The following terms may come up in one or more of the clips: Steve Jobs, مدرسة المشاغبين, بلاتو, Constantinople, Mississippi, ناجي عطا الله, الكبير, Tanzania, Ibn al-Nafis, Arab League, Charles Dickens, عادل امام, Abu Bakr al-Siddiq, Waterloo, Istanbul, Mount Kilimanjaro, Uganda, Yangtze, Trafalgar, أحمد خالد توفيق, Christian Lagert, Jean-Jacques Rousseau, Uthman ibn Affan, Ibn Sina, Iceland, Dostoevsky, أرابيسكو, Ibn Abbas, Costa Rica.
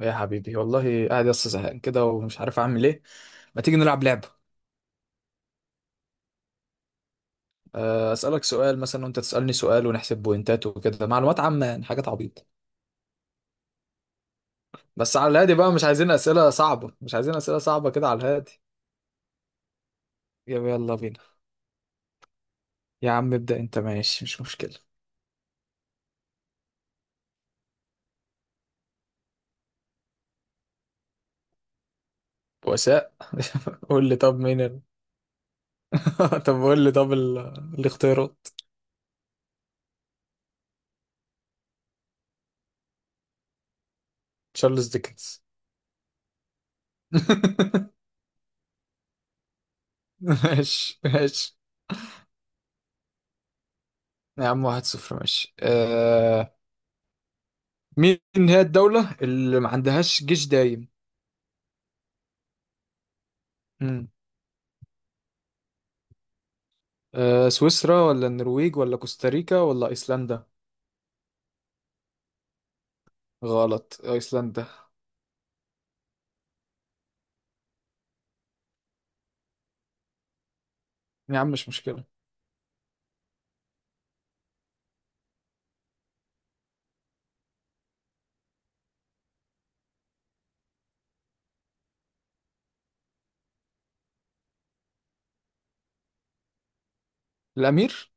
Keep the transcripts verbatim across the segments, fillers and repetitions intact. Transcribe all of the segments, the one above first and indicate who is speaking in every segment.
Speaker 1: يا حبيبي والله قاعد يا اسطى زهقان كده ومش عارف اعمل ايه. ما تيجي نلعب لعبه؟ آه، اسالك سؤال مثلا وانت تسالني سؤال ونحسب بوينتات وكده معلومات عامه يعني حاجات عبيطه. بس على الهادي بقى، مش عايزين اسئله صعبه، مش عايزين اسئله صعبه كده على الهادي. يا يلا بينا. يا عم ابدا، انت ماشي مش مشكله. بؤساء. قول لي طب مين ال... طب قول لي طب ال... الاختيارات. تشارلز ديكنز. ماشي ماشي. يا عم، واحد صفر، ماشي. أه... مين هي الدولة اللي ما عندهاش جيش دايم؟ مم. آه سويسرا ولا النرويج ولا كوستاريكا ولا أيسلندا؟ غلط، أيسلندا. يا عم مش مشكلة. الأمير؟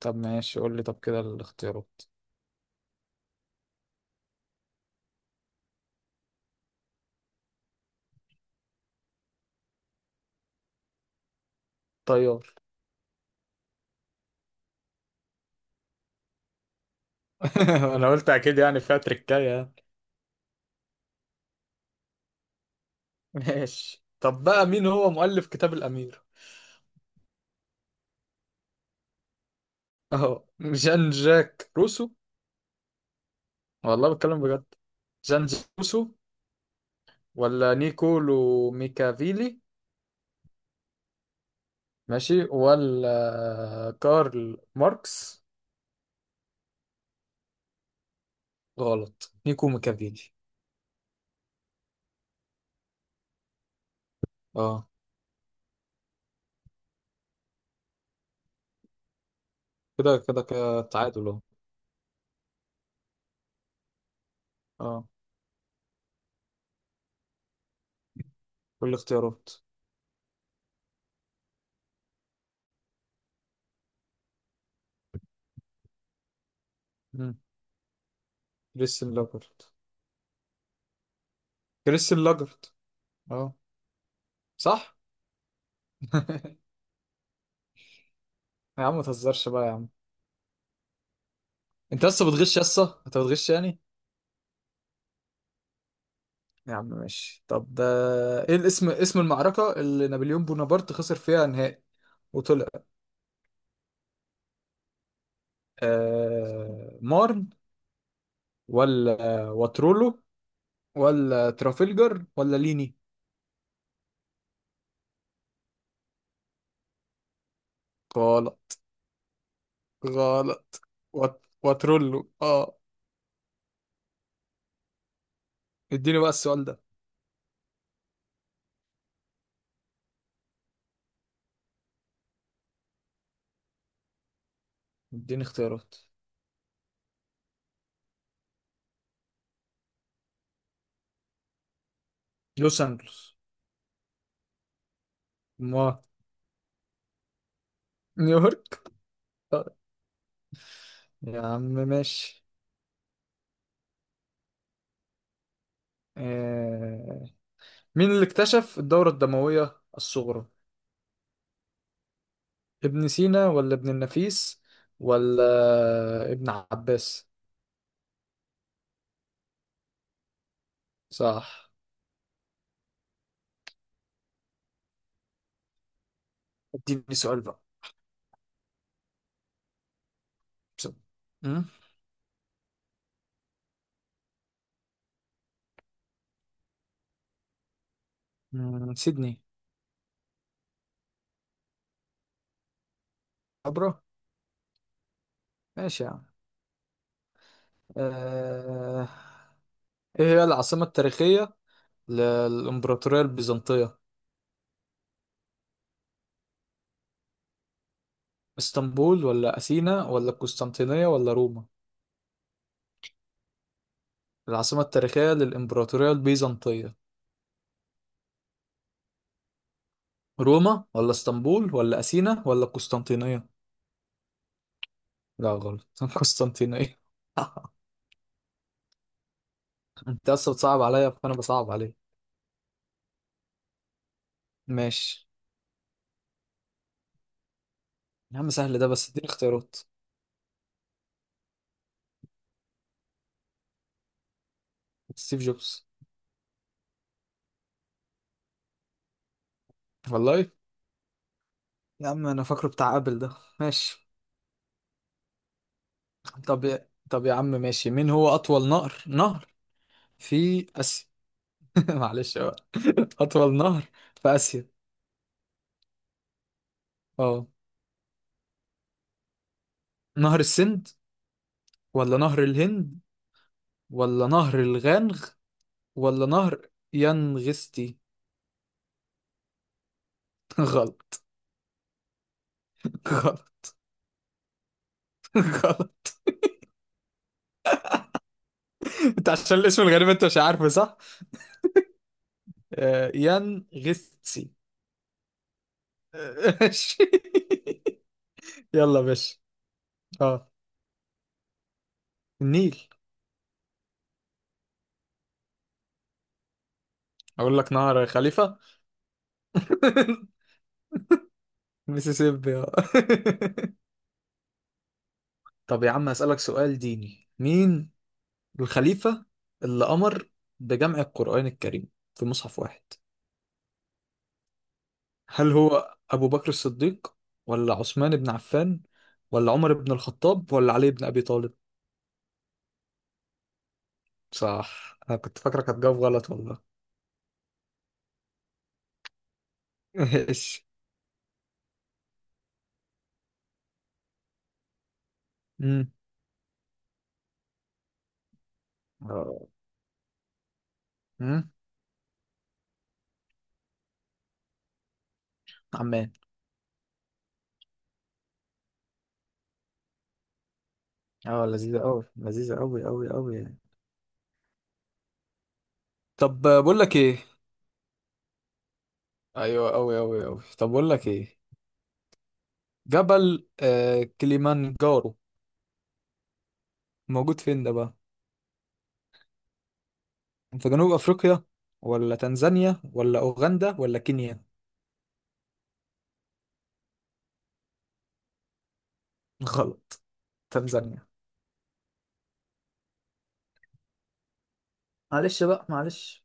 Speaker 1: طب ماشي، قول لي طب كده الاختيارات. طيار. أنا قلت أكيد يعني فيها تركاية يعني. ماشي، طب بقى مين هو مؤلف كتاب الأمير؟ أهو جان جاك روسو. والله بتكلم بجد. جان جاك روسو ولا نيكولو ميكافيلي؟ ماشي، ولا كارل ماركس؟ غلط، نيكو ميكافيلي. اه. كده كده كده، تعادل اهو. اه. كل الاختيارات. مم. كريستيان لاجرت. كريستيان لاجرت. اه. صح. يا عم ما تهزرش بقى يا عم. انت لسه بتغش، لسه انت بتغش يعني. يا عم ماشي، طب ده، ايه الاسم، اسم المعركة اللي نابليون بونابرت خسر فيها نهائي وطلع؟ آه... مارن، ولا واترولو، ولا ترافلجر، ولا ليني؟ غلط. غلط. وات- واترولو، اه. اديني بقى السؤال ده. اديني اختيارات. لوس انجلوس. ما، نيويورك. آه، يا عم ماشي. آه... مين اللي اكتشف الدورة الدموية الصغرى؟ ابن سينا، ولا ابن النفيس، ولا ابن عباس؟ صح. اديني سؤال بقى. بسرعة. مم؟ مم، سيدني. عبرة. ماشي يا عم. آه... ايه هي العاصمة التاريخية للإمبراطورية البيزنطية؟ اسطنبول ولا أثينا ولا القسطنطينية ولا روما؟ العاصمة التاريخية للإمبراطورية البيزنطية. روما ولا اسطنبول ولا أثينا ولا القسطنطينية؟ لا، غلط، القسطنطينية. انت اصلا بتصعب عليا فانا بصعب عليك. ماشي. يا عم سهل ده، بس اديني اختيارات. ستيف جوبز. والله. يا عم انا فاكره بتاع ابل ده. ماشي. طب يا- طب يا عم ماشي، مين هو اطول نهر نهر في اسيا؟ معلش بقى. اطول نهر في اسيا. اه. نهر السند، ولا نهر الهند، ولا نهر الغانغ، ولا نهر ينغستي؟ غلط. غلط. غلط. انت عشان الاسم الغريب، انت مش عارفه صح. آه، ينغستي. آه، ماشي. يلا يا باشا. اه. النيل. اقول لك نهر يا خليفة. ميسيسيبي، اه. طب يا عم هسألك سؤال ديني، مين الخليفة اللي أمر بجمع القرآن الكريم في مصحف واحد؟ هل هو أبو بكر الصديق، ولا عثمان بن عفان، ولا عمر بن الخطاب، ولا علي بن أبي طالب؟ صح، أنا كنت فاكرك هتجاوب غلط والله. ماشي. امم. اه. امم. عمان. اه، لذيذة أوي، لذيذة أوي أوي أوي يعني. طب آه، بقول لك إيه. أيوة أوي أوي أوي، طب بقول لك إيه. جبل آه كليمانجارو موجود فين ده بقى؟ في جنوب أفريقيا ولا تنزانيا ولا أوغندا ولا كينيا؟ غلط، تنزانيا. معلش بقى معلش.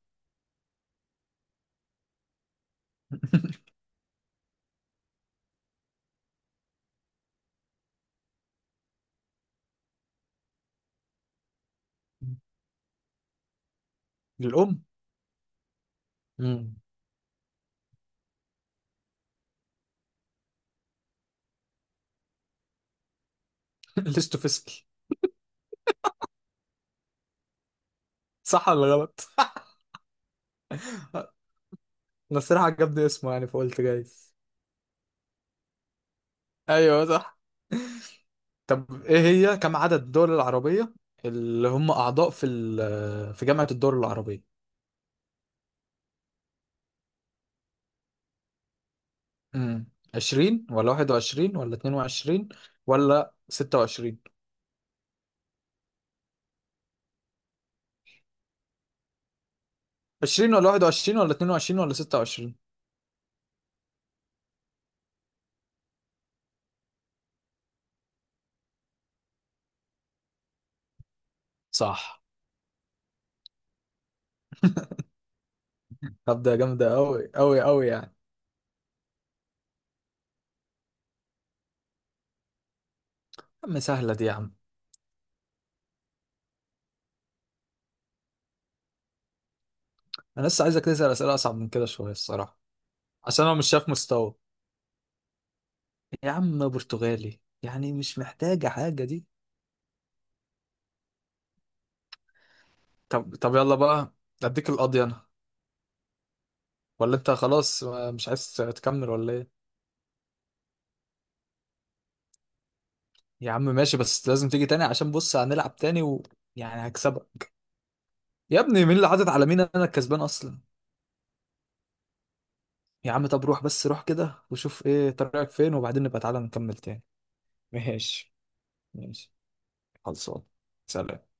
Speaker 1: للأم. امم. الاستوفسكي. صح ولا غلط؟ انا الصراحة عجبني اسمه يعني فقلت جايز. ايوه صح. طب ايه هي كم عدد الدول العربية اللي هم أعضاء في ال- في جامعة الدول العربية؟ امم. عشرين ولا واحد وعشرين ولا اتنين وعشرين ولا ستة وعشرين؟ عشرين ولا واحد وعشرين ولا اتنين وعشرين ولا ستة وعشرين. صح. طب ده جامدة أوي أوي أوي يعني. يا عم سهلة دي يا عم. أنا لسه عايزك تسأل أسئلة أصعب من كده شوية الصراحة. عشان أنا مش شايف مستوى. يا عم برتغالي يعني مش محتاجة حاجة دي. طب طب يلا بقى. اديك القاضي انا. ولا انت خلاص آه، مش عايز تكمل ولا ايه؟ يا عم ماشي، بس لازم تيجي تاني عشان بص هنلعب تاني ويعني هكسبك. يا ابني مين اللي حاطط على مين؟ انا الكسبان اصلا. يا عم طب روح بس، روح كده وشوف ايه طريقك فين، وبعدين نبقى تعالى نكمل تاني. ماشي. ماشي. خلصان. سلام.